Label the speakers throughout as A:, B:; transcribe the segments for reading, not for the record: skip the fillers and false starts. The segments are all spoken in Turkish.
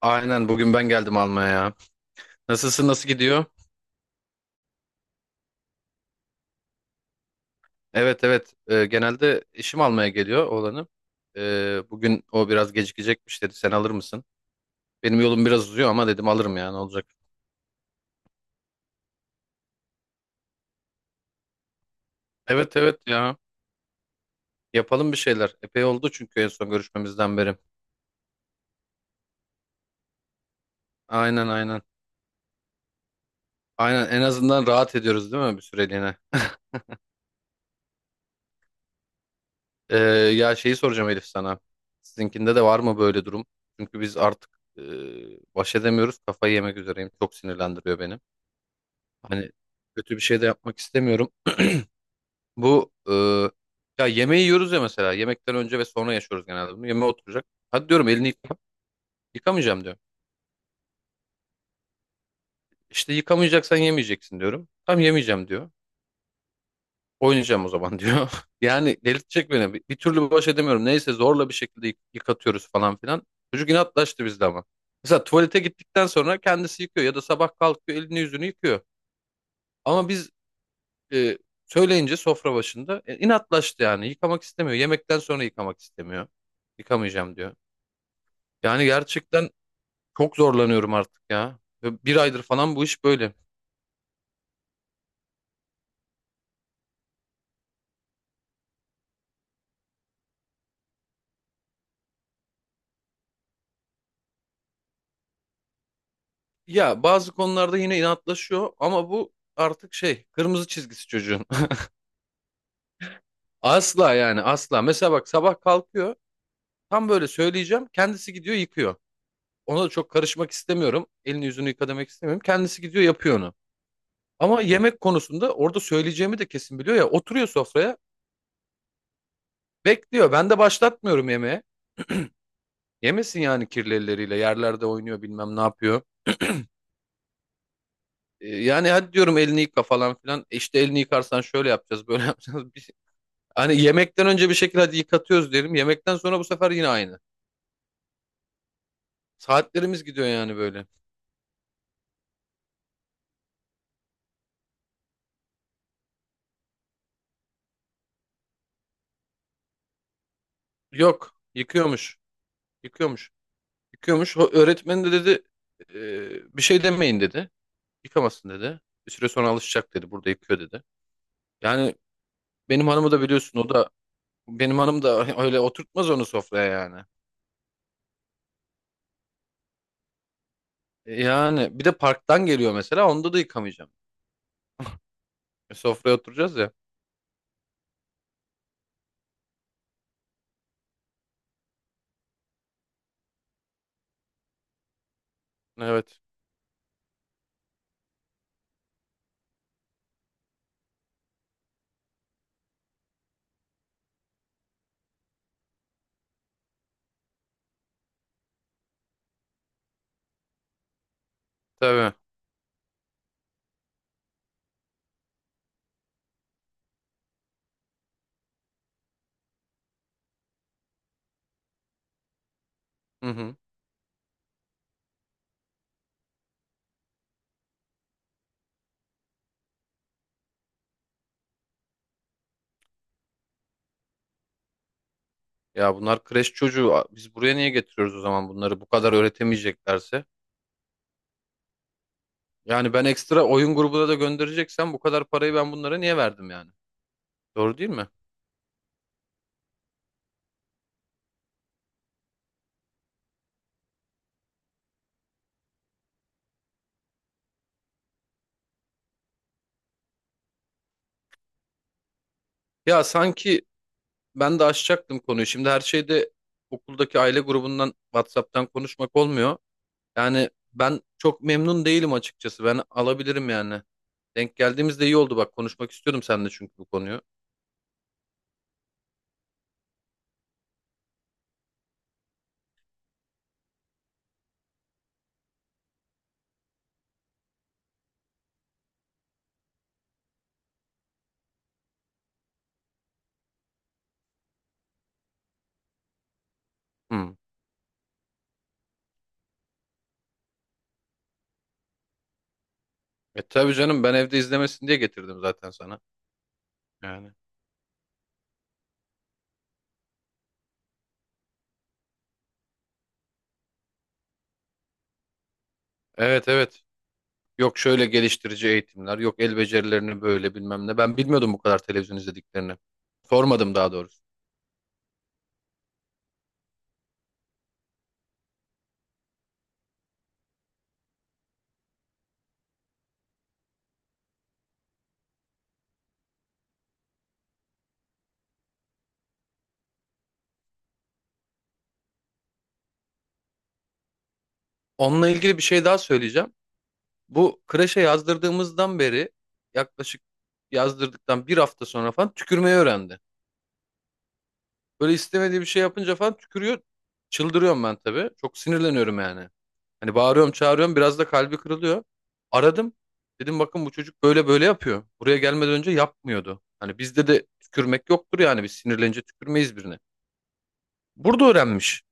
A: Aynen bugün ben geldim almaya ya. Nasılsın, nasıl gidiyor? Evet evet. Genelde işim almaya geliyor oğlanı. Bugün o biraz gecikecekmiş, dedi sen alır mısın? Benim yolum biraz uzuyor ama dedim alırım ya, ne olacak? Evet evet ya, yapalım bir şeyler. Epey oldu çünkü en son görüşmemizden beri. Aynen aynen. Aynen, en azından rahat ediyoruz değil mi bir süreliğine? Ee, ya şeyi soracağım Elif sana. Sizinkinde de var mı böyle durum? Çünkü biz artık e, baş edemiyoruz. Kafayı yemek üzereyim. Çok sinirlendiriyor beni. Hani kötü bir şey de yapmak istemiyorum. Bu ya yemeği yiyoruz ya mesela. Yemekten önce ve sonra yaşıyoruz genelde bunu. Yemeğe oturacak. Hadi diyorum elini yıka. Yıkamayacağım diyor. İşte yıkamayacaksan yemeyeceksin diyorum. Tam yemeyeceğim diyor. Oynayacağım o zaman diyor. Yani delirtecek beni. Bir türlü baş edemiyorum. Neyse zorla bir şekilde yıkatıyoruz falan filan. Çocuk inatlaştı bizde ama. Mesela tuvalete gittikten sonra kendisi yıkıyor ya da sabah kalkıyor, elini yüzünü yıkıyor. Ama biz e, söyleyince sofra başında inatlaştı yani. Yıkamak istemiyor. Yemekten sonra yıkamak istemiyor. Yıkamayacağım diyor. Yani gerçekten çok zorlanıyorum artık ya. Ve bir aydır falan bu iş böyle. Ya bazı konularda yine inatlaşıyor ama bu artık şey, kırmızı çizgisi çocuğun. Asla, yani asla. Mesela bak, sabah kalkıyor. Tam böyle söyleyeceğim. Kendisi gidiyor yıkıyor. Ona da çok karışmak istemiyorum. Elini yüzünü yıka demek istemiyorum. Kendisi gidiyor yapıyor onu. Ama yemek konusunda orada söyleyeceğimi de kesin biliyor ya. Oturuyor sofraya. Bekliyor. Ben de başlatmıyorum yemeğe. Yemesin yani kirli elleriyle. Yerlerde oynuyor, bilmem ne yapıyor. Yani hadi diyorum elini yıka falan filan. E İşte elini yıkarsan şöyle yapacağız, böyle yapacağız. Hani yemekten önce bir şekilde hadi yıkatıyoruz derim. Yemekten sonra bu sefer yine aynı. Saatlerimiz gidiyor yani böyle. Yok, yıkıyormuş. Yıkıyormuş. Yıkıyormuş. O öğretmen de dedi: bir şey demeyin, dedi. Yıkamasın, dedi. Bir süre sonra alışacak, dedi. Burada yıkıyor, dedi." Yani benim hanımı da biliyorsun, o da benim hanım da öyle oturtmaz onu sofraya yani. Yani bir de parktan geliyor mesela, onda da yıkamayacağım. Sofraya oturacağız ya. Evet. Tabii. Hı hı. Ya bunlar kreş çocuğu. A- Biz buraya niye getiriyoruz o zaman bunları, bu kadar öğretemeyeceklerse? Yani ben ekstra oyun grubuna da göndereceksem bu kadar parayı ben bunlara niye verdim yani? Doğru değil mi? Ya sanki ben de açacaktım konuyu. Şimdi her şeyde okuldaki aile grubundan WhatsApp'tan konuşmak olmuyor. Yani ben çok memnun değilim açıkçası. Ben alabilirim yani. Denk geldiğimizde iyi oldu bak, konuşmak istiyordum seninle çünkü bu konuyu. Hı. E tabii canım, ben evde izlemesin diye getirdim zaten sana. Yani. Evet evet. Yok şöyle geliştirici eğitimler, yok el becerilerini böyle bilmem ne. Ben bilmiyordum bu kadar televizyon izlediklerini. Sormadım daha doğrusu. Onunla ilgili bir şey daha söyleyeceğim. Bu kreşe yazdırdığımızdan beri, yaklaşık yazdırdıktan bir hafta sonra falan tükürmeyi öğrendi. Böyle istemediği bir şey yapınca falan tükürüyor. Çıldırıyorum ben tabii. Çok sinirleniyorum yani. Hani bağırıyorum, çağırıyorum. Biraz da kalbi kırılıyor. Aradım. Dedim bakın, bu çocuk böyle böyle yapıyor. Buraya gelmeden önce yapmıyordu. Hani bizde de tükürmek yoktur yani. Biz sinirlenince tükürmeyiz birine. Burada öğrenmiş.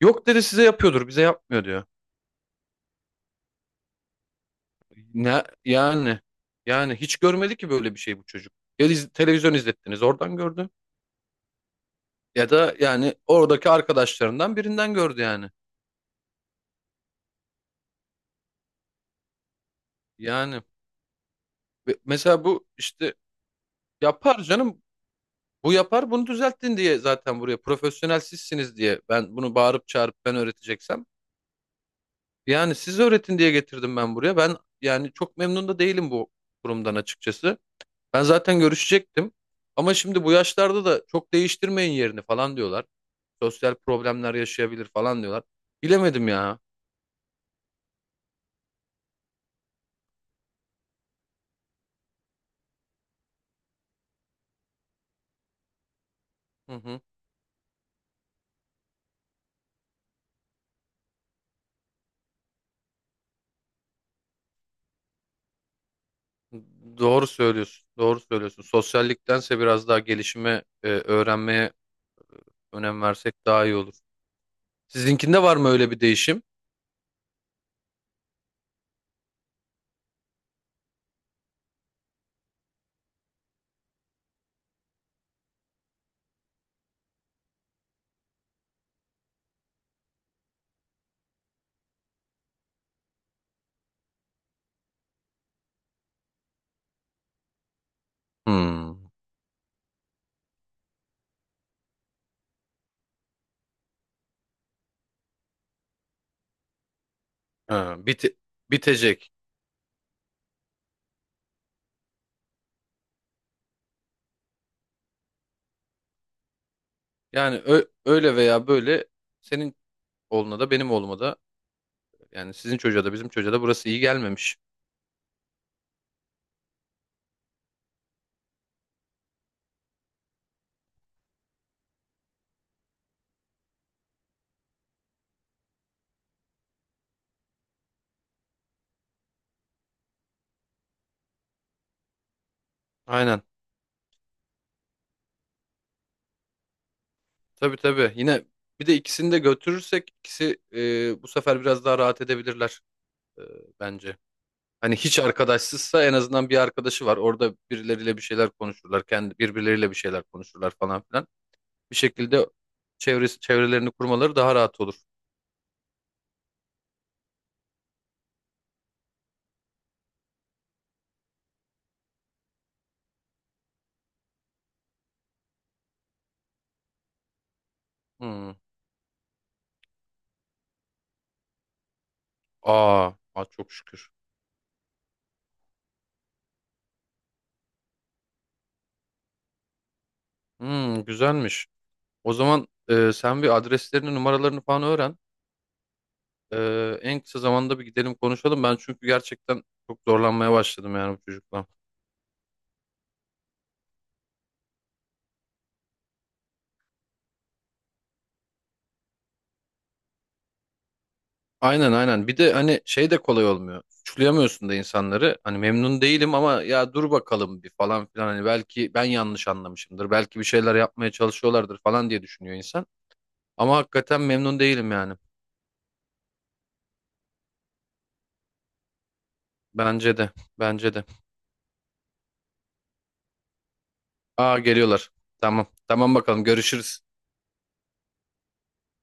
A: Yok, dedi, size yapıyordur, bize yapmıyor, diyor. Ne yani? Yani hiç görmedi ki böyle bir şey bu çocuk. Televizyon izlettiniz, oradan gördü. Ya da yani oradaki arkadaşlarından birinden gördü yani. Yani ve mesela bu işte. Yapar canım. Bu yapar, bunu düzelttin diye zaten buraya, profesyonel sizsiniz diye, ben bunu bağırıp çağırıp ben öğreteceksem, yani siz öğretin diye getirdim ben buraya. Ben yani çok memnun da değilim bu kurumdan açıkçası. Ben zaten görüşecektim ama şimdi bu yaşlarda da çok değiştirmeyin yerini falan diyorlar. Sosyal problemler yaşayabilir falan diyorlar. Bilemedim ya. Hı hı. Doğru söylüyorsun. Doğru söylüyorsun. Sosyalliktense biraz daha gelişime, öğrenmeye önem versek daha iyi olur. Sizinkinde var mı öyle bir değişim? Hmm. Ha, bite- Bitecek. Yani öyle veya böyle senin oğluna da benim oğluma da, yani sizin çocuğa da bizim çocuğa da burası iyi gelmemiş. Aynen. Tabii tabii. Yine bir de ikisini de götürürsek ikisi bu sefer biraz daha rahat edebilirler e, bence. Hani hiç arkadaşsızsa en azından bir arkadaşı var. Orada birileriyle bir şeyler konuşurlar. Kendi birbirleriyle bir şeyler konuşurlar falan filan. Bir şekilde çevrelerini kurmaları daha rahat olur. Hmm. Aa, aa çok şükür. Hmm, güzelmiş. O zaman sen bir adreslerini, numaralarını falan öğren. E, en kısa zamanda bir gidelim konuşalım. Ben çünkü gerçekten çok zorlanmaya başladım yani bu çocukla. Aynen aynen. Bir de hani şey de kolay olmuyor. Suçlayamıyorsun da insanları. Hani memnun değilim ama ya dur bakalım bir falan filan. Hani belki ben yanlış anlamışımdır. Belki bir şeyler yapmaya çalışıyorlardır falan diye düşünüyor insan. Ama hakikaten memnun değilim yani. Bence de. Bence de. Aa geliyorlar. Tamam. Tamam bakalım, görüşürüz.